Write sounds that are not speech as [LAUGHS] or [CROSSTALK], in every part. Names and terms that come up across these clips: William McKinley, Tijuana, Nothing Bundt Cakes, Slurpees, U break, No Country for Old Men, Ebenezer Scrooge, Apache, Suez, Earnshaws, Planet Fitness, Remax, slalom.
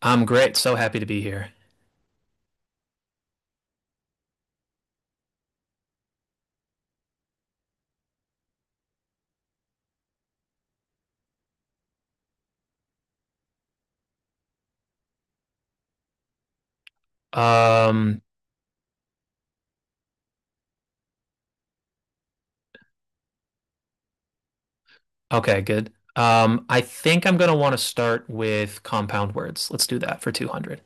I'm great. So happy to be here. Um, okay, good. I think I'm gonna want to start with compound words. Let's do that for 200.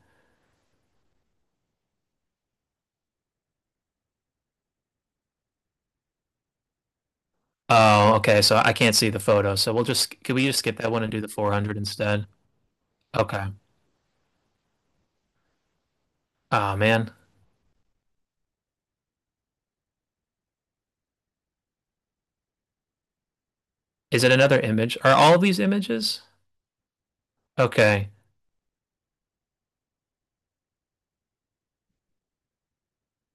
Oh, okay. So I can't see the photo. So we'll just, can we just skip that one and do the 400 instead? Okay. Oh, man. Is it another image? Are all of these images? Okay.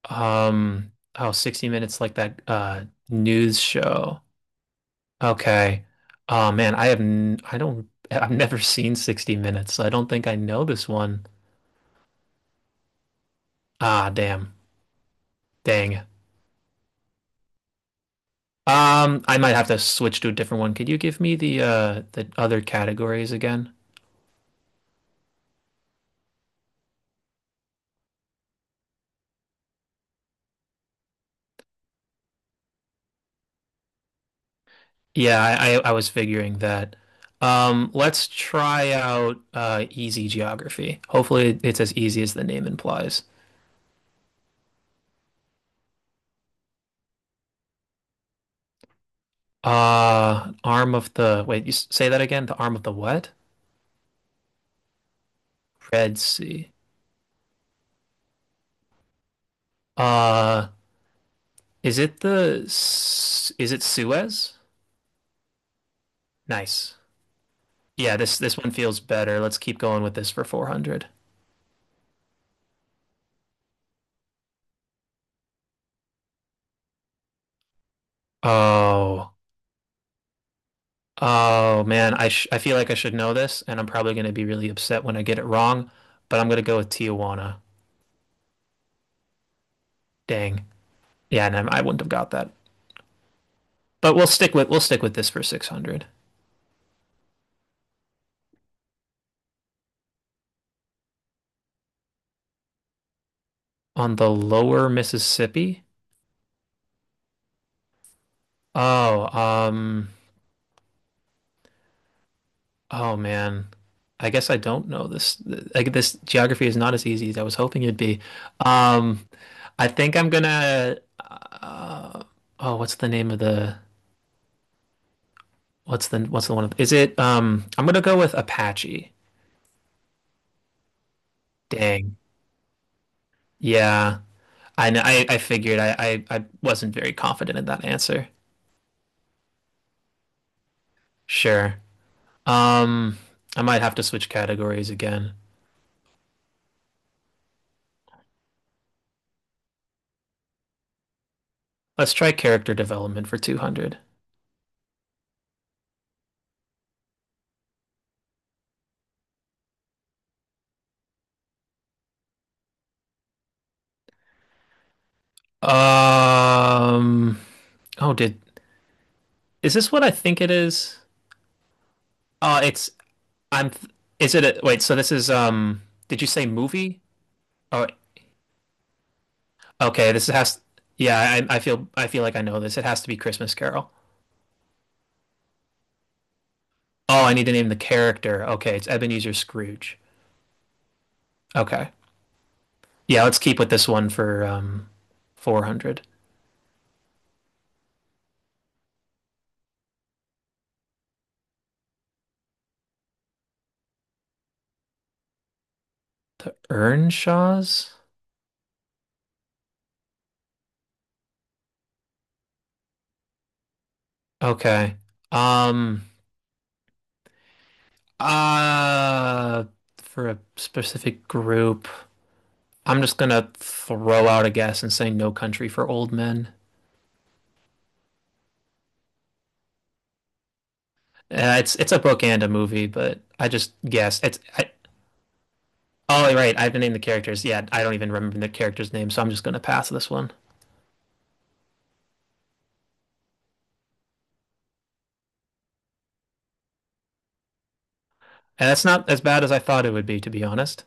Oh, 60 Minutes like that news show. Okay. Oh, man. I have, n I don't, I've never seen 60 Minutes. So I don't think I know this one. Ah, damn. Dang. I might have to switch to a different one. Could you give me the the other categories again? Yeah, I was figuring that. Let's try out easy geography. Hopefully it's as easy as the name implies. Arm of the, wait, you say that again? The arm of the what? Red Sea. Uh, is it the S- is it Suez? Nice. Yeah, this one feels better. Let's keep going with this for 400. Oh. Oh man, I feel like I should know this, and I'm probably going to be really upset when I get it wrong. But I'm going to go with Tijuana. Dang. Yeah, and I wouldn't have got that. But we'll stick with this for 600 on the lower Mississippi. Oh, oh man. I guess I don't know this. Like this geography is not as easy as I was hoping it'd be. Um, I think I'm gonna. Uh, oh, what's the name of the? What's the one of? Is it? I'm gonna go with Apache. Dang. Yeah. I know. I figured I wasn't very confident in that answer. Sure. Um, I might have to switch categories again. Let's try character development for 200. Um, oh, did, is this what I think it is? It's, I'm, is it a, wait, so this is, did you say movie? Oh, okay. This has, yeah, I feel like I know this. It has to be Christmas Carol. Oh, I need to name the character. Okay. It's Ebenezer Scrooge. Okay. Yeah, let's keep with this one for 400. The Earnshaws? Okay. Um uh for a specific group, I'm just gonna throw out a guess and say No Country for Old Men. It's a book and a movie, but I just guessed. Oh right, I've named the characters. Yeah, I don't even remember the character's name, so I'm just gonna pass this one. And that's not as bad as I thought it would be, to be honest.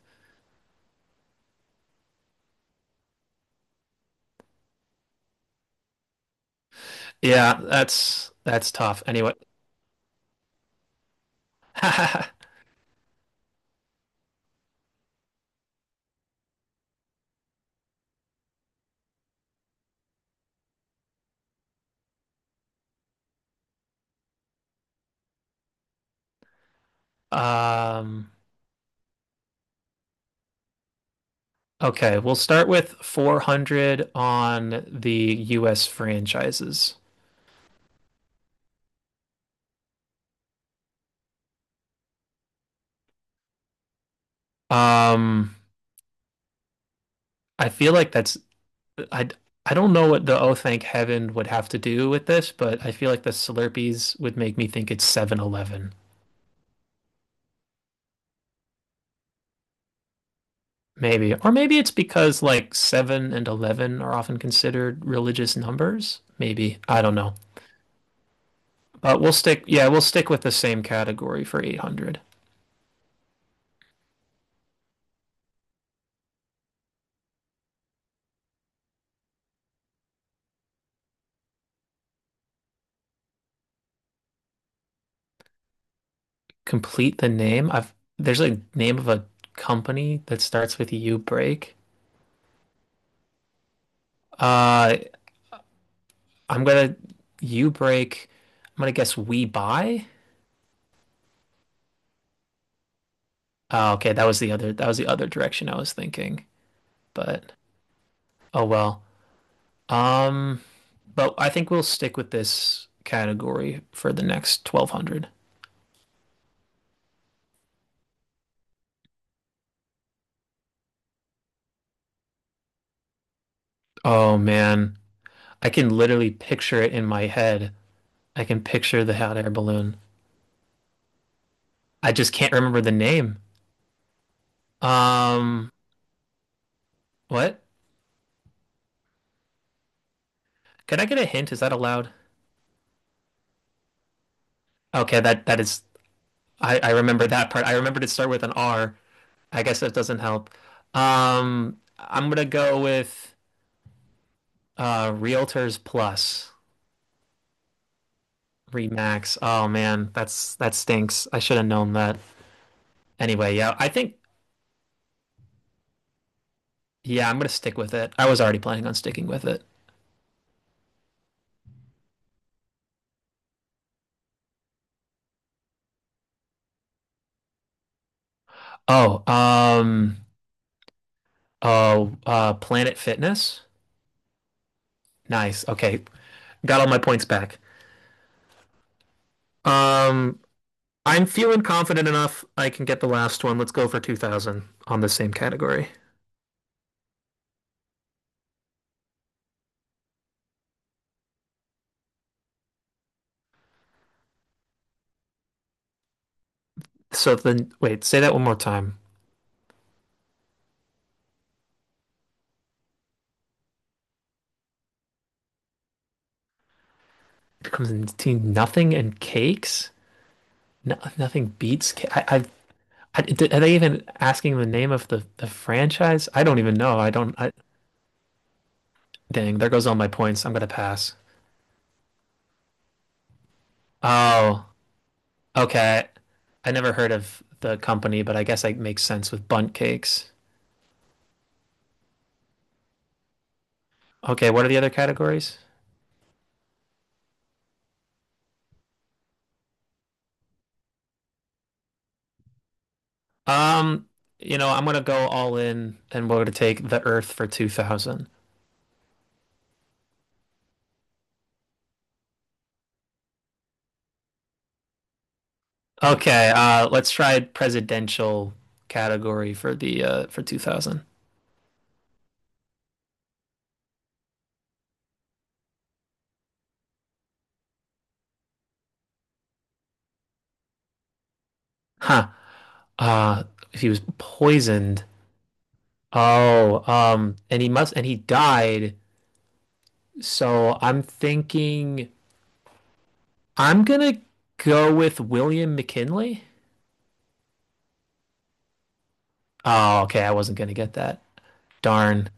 Yeah, that's tough. Anyway, [LAUGHS] um, Okay we'll start with 400 on the US franchises. Um, I feel like that's I I don't know what the Oh Thank Heaven would have to do with this, but I feel like the Slurpees would make me think it's 7-Eleven. Maybe. Or maybe it's because like 7 and 11 are often considered religious numbers. Maybe. I don't know. But we'll stick yeah, we'll stick with the same category for 800. Complete the name. I've There's a name of a company that starts with U break. Uh, I'm gonna U break. I'm gonna guess we buy. Oh, okay, that was the other direction I was thinking. But oh well. Um, but I think we'll stick with this category for the next 1200. Oh man, I can literally picture it in my head. I can picture the hot air balloon. I just can't remember the name. Um, what? Can I get a hint? Is that allowed? Okay, that is. I remember that part. I remember to start with an R. I guess that doesn't help. I'm gonna go with Realtors Plus. Remax. Oh man, that stinks. I should have known that. Anyway, yeah, I think. Yeah, I'm gonna stick with it. I was already planning on sticking with it. Oh, oh, Planet Fitness. Nice. Okay, got all my points back. Um, I'm feeling confident enough I can get the last one. Let's go for 2000 on the same category. So then, wait, say that one more time. It comes in between nothing and cakes. No, nothing beats. I, are they even asking the name of the franchise? I don't even know. I don't. Dang, there goes all my points. I'm gonna pass. Oh, okay. I never heard of the company, but I guess it makes sense with bunt cakes. Okay, what are the other categories? Um, I'm gonna go all in and we're gonna take the Earth for 2000. Okay, let's try presidential category for the for 2000. Huh. Uh, he was poisoned. Oh, and he must and he died. So I'm thinking I'm gonna go with William McKinley. Oh, okay, I wasn't gonna get that. Darn.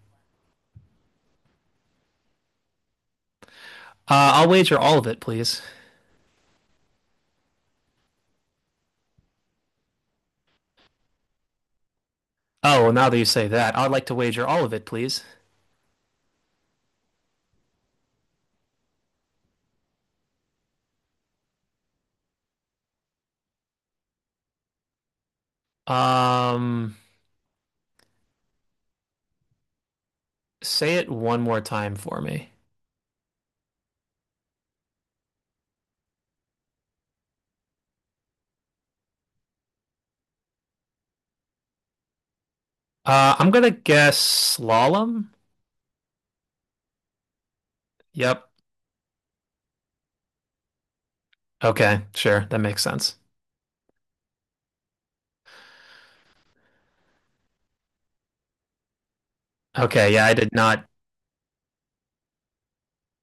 I'll wager all of it, please. Oh, well, now that you say that, I'd like to wager all of it, please. Um, say it one more time for me. I'm gonna guess slalom. Yep. Okay, sure. That makes sense. Okay, yeah, I did not.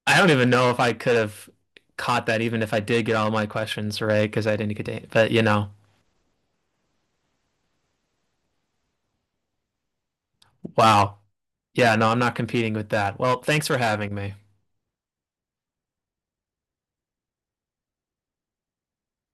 I don't even know if I could have caught that, even if I did get all my questions right, because I didn't get to. But Wow. Yeah, no, I'm not competing with that. Well, thanks for having me.